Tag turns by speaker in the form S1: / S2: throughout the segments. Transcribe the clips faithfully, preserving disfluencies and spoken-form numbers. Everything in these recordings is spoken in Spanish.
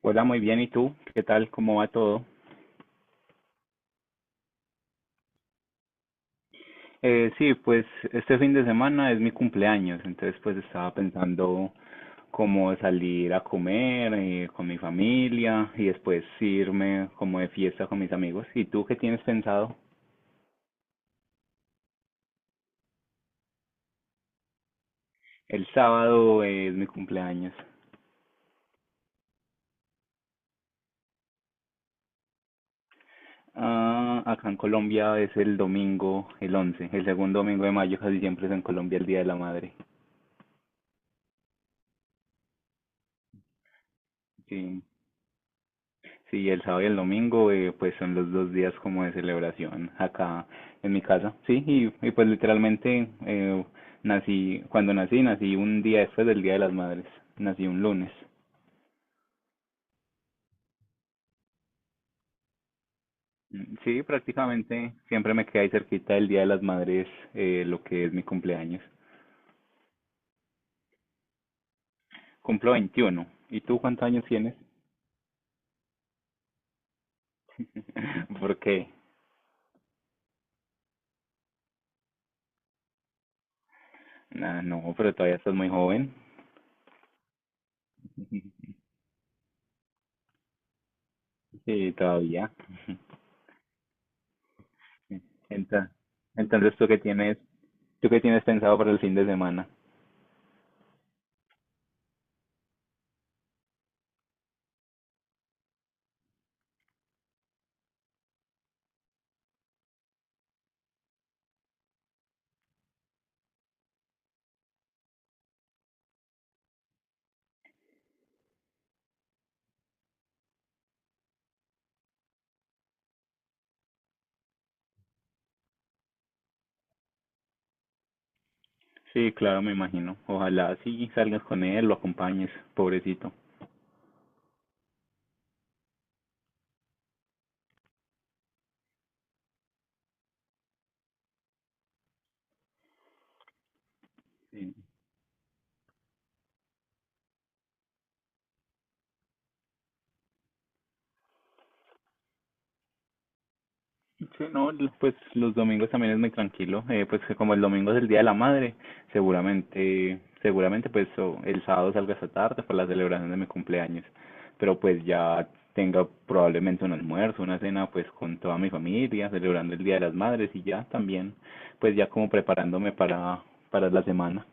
S1: Hola, muy bien. ¿Y tú? ¿Qué tal? ¿Cómo va todo? Eh, sí, pues este fin de semana es mi cumpleaños, entonces pues estaba pensando como salir a comer eh, con mi familia y después irme como de fiesta con mis amigos. ¿Y tú qué tienes pensado? El sábado es mi cumpleaños. Ah, acá en Colombia es el domingo, el once, el segundo domingo de mayo, casi siempre es en Colombia el Día de la Madre. Sí. Sí, el sábado y el domingo, eh, pues son los dos días como de celebración acá en mi casa. Sí, y, y pues literalmente eh, nací, cuando nací, nací un día después del Día de las Madres, nací un lunes. Mm, sí, prácticamente siempre me quedé ahí cerquita del Día de las Madres, eh, lo que es mi cumpleaños. Cumplo veintiuno. ¿Y tú cuántos años tienes? ¿Por qué? Nah, no, pero todavía estás muy joven. Sí, todavía. Entonces, entonces tú que tienes ¿tú qué tienes pensado para el fin de semana? Sí, claro, me imagino. Ojalá sí salgas con él, lo acompañes, pobrecito. Sí, sí, no, l- pues los domingos también es muy tranquilo. Eh, pues que como el domingo es el Día de la Madre, seguramente, seguramente pues o el sábado salga esta tarde para la celebración de mi cumpleaños. Pero pues ya tenga probablemente un almuerzo, una cena pues con toda mi familia, celebrando el Día de las Madres y ya también, pues ya como preparándome para, para, la semana.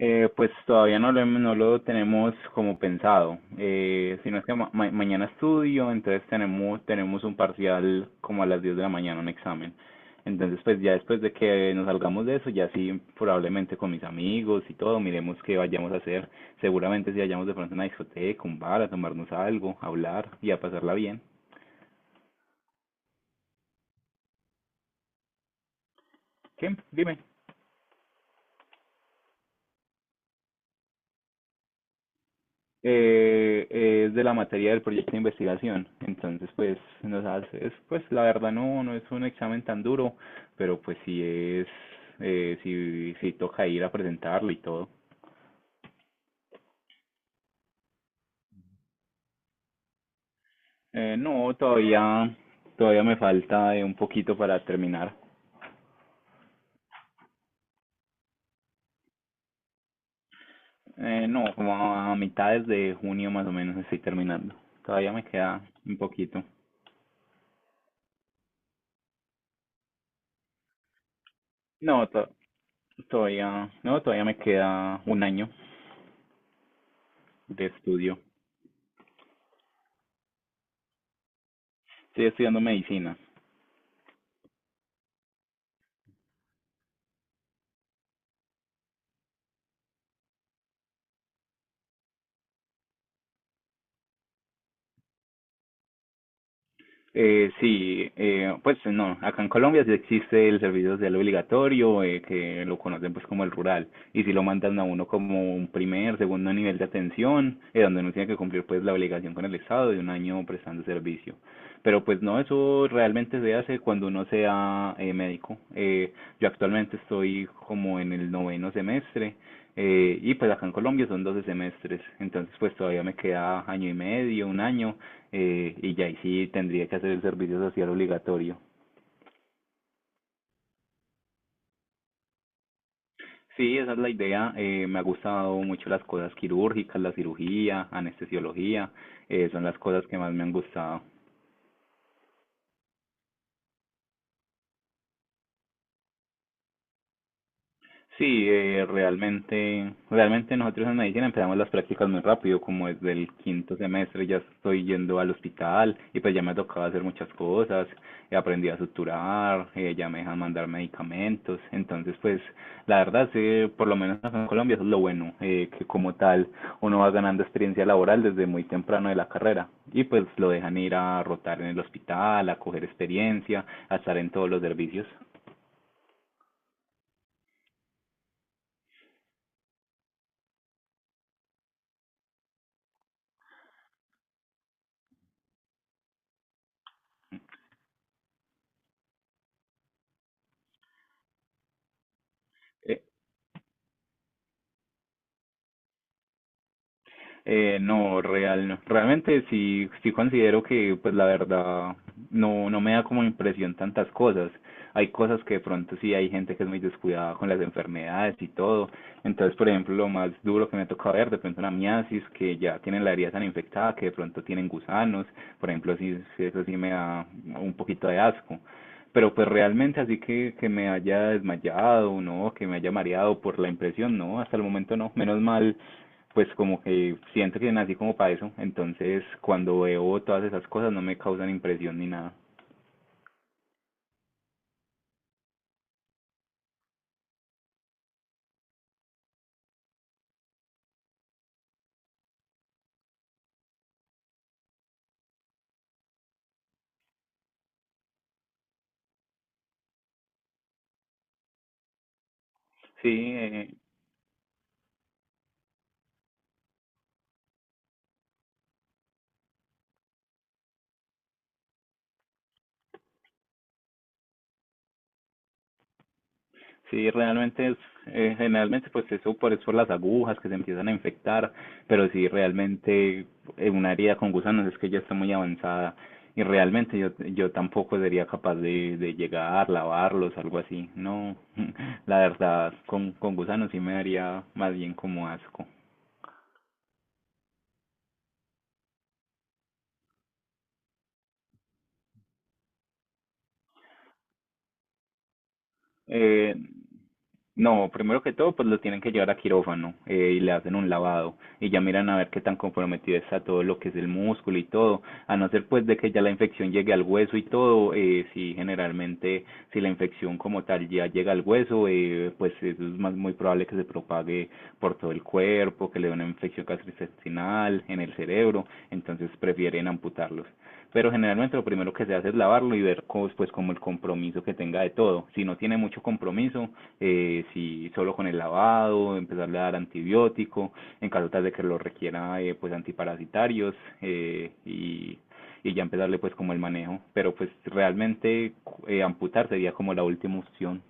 S1: Eh, pues todavía no lo, no lo tenemos como pensado. Eh, sino es que ma- ma- mañana estudio, entonces tenemos, tenemos un parcial como a las diez de la mañana, un examen. Entonces, pues ya después de que nos salgamos de eso, ya sí, probablemente con mis amigos y todo, miremos qué vayamos a hacer. Seguramente si vayamos de pronto a una discoteca, un bar, a tomarnos algo, a hablar y a pasarla bien. ¿Qué? Dime. Eh, eh, es de la materia del proyecto de investigación. Entonces, pues, nos hace, es, pues, la verdad no, no es un examen tan duro, pero pues sí es, eh, sí, sí toca ir a presentarlo y todo. Eh, no, todavía, todavía me falta eh, un poquito para terminar. Eh, no, como a mitades de junio más o menos estoy terminando. Todavía me queda un poquito. No, to- todavía, no, todavía me queda un año de estudio. Estoy estudiando medicina. Eh, sí, eh, pues no, acá en Colombia sí existe el servicio social obligatorio, eh, que lo conocen pues como el rural, y si lo mandan a uno como un primer, segundo nivel de atención, eh, donde uno tiene que cumplir pues la obligación con el Estado de un año prestando servicio. Pero pues no, eso realmente se hace cuando uno sea eh, médico. Eh, yo actualmente estoy como en el noveno semestre, eh, y pues acá en Colombia son doce semestres, entonces pues todavía me queda año y medio, un año, eh, y ya ahí sí tendría que hacer el servicio social obligatorio. Sí, esa es la idea. Eh, me ha gustado mucho las cosas quirúrgicas, la cirugía, anestesiología, eh, son las cosas que más me han gustado. Sí, eh, realmente, realmente nosotros en medicina empezamos las prácticas muy rápido, como desde el quinto semestre ya estoy yendo al hospital y pues ya me tocaba hacer muchas cosas, eh, aprendí a suturar, eh, ya me dejan mandar medicamentos, entonces pues la verdad, sí, por lo menos acá en Colombia eso es lo bueno, eh, que como tal uno va ganando experiencia laboral desde muy temprano de la carrera y pues lo dejan ir a rotar en el hospital, a coger experiencia, a estar en todos los servicios. Eh, no, real, no. Realmente sí, sí considero que, pues la verdad, no, no me da como impresión tantas cosas. Hay cosas que de pronto sí hay gente que es muy descuidada con las enfermedades y todo. Entonces, por ejemplo, lo más duro que me toca ver, de pronto una miasis, que ya tienen la herida tan infectada, que de pronto tienen gusanos. Por ejemplo, sí, sí, eso sí me da un poquito de asco. Pero pues realmente así que, que me haya desmayado, no, que me haya mareado por la impresión, no, hasta el momento no. Menos mal pues como que siento que nací como para eso, entonces cuando veo todas esas cosas no me causan impresión ni nada. Sí, eh, sí, realmente es, eh, generalmente pues eso por, es por las agujas que se empiezan a infectar, pero sí, realmente eh, una herida con gusanos es que ya está muy avanzada y realmente yo, yo tampoco sería capaz de, de, llegar, lavarlos, algo así, no, la verdad con, con gusanos sí me daría más bien como asco. Eh, No, primero que todo, pues lo tienen que llevar a quirófano eh, y le hacen un lavado y ya miran a ver qué tan comprometido está todo lo que es el músculo y todo, a no ser pues de que ya la infección llegue al hueso y todo, eh, sí, generalmente si la infección como tal ya llega al hueso, eh, pues eso es más muy probable que se propague por todo el cuerpo, que le dé una infección gastrointestinal, en el cerebro, entonces prefieren amputarlos, pero generalmente lo primero que se hace es lavarlo y ver cómo, pues como el compromiso que tenga de todo. Si no tiene mucho compromiso, eh, si solo con el lavado, empezarle a dar antibiótico, en caso tal de que lo requiera, eh, pues antiparasitarios, eh, y, y ya empezarle pues como el manejo. Pero pues realmente eh, amputar sería como la última opción.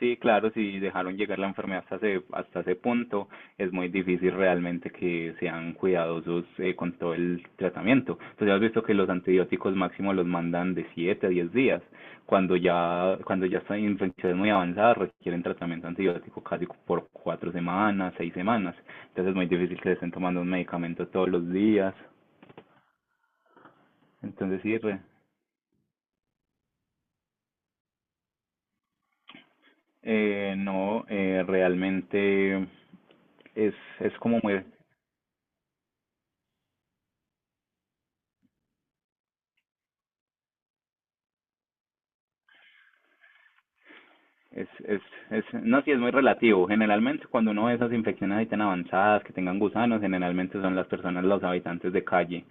S1: Sí, claro, si dejaron llegar la enfermedad hasta ese, hasta ese punto, es muy difícil realmente que sean cuidadosos eh, con todo el tratamiento. Entonces has visto que los antibióticos máximo los mandan de siete a diez días. Cuando ya, cuando ya están infecciones muy avanzadas, requieren tratamiento antibiótico casi por cuatro semanas, seis semanas. Entonces es muy difícil que les estén tomando un medicamento todos los días. Entonces sí, re- eh, no, eh, realmente es, es como muy Es, es, es, no, sí, es muy relativo. Generalmente, cuando uno ve esas infecciones ahí tan avanzadas, que tengan gusanos, generalmente son las personas, los habitantes de calle.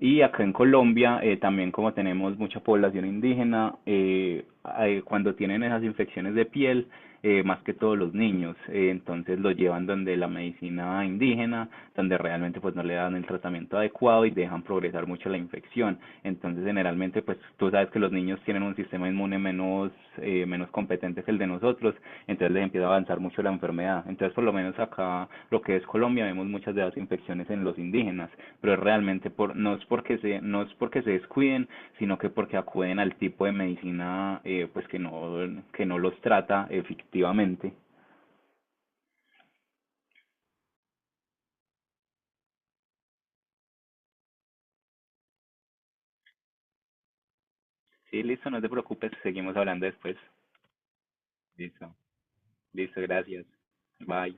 S1: Y acá en Colombia, eh, también como tenemos mucha población indígena, eh, eh, cuando tienen esas infecciones de piel, eh, más que todos los niños, eh, entonces los llevan donde la medicina indígena, donde realmente pues no le dan el tratamiento adecuado y dejan progresar mucho la infección, entonces generalmente pues tú sabes que los niños tienen un sistema inmune menos, eh, menos competente que el de nosotros, entonces les empieza a avanzar mucho la enfermedad, entonces por lo menos acá lo que es Colombia vemos muchas de las infecciones en los indígenas, pero realmente por, no es porque se, no es porque se descuiden, sino que porque acuden al tipo de medicina eh, pues que no, que no los trata efectivamente. Sí, listo, no te preocupes, seguimos hablando después. Listo, listo, gracias. Bye.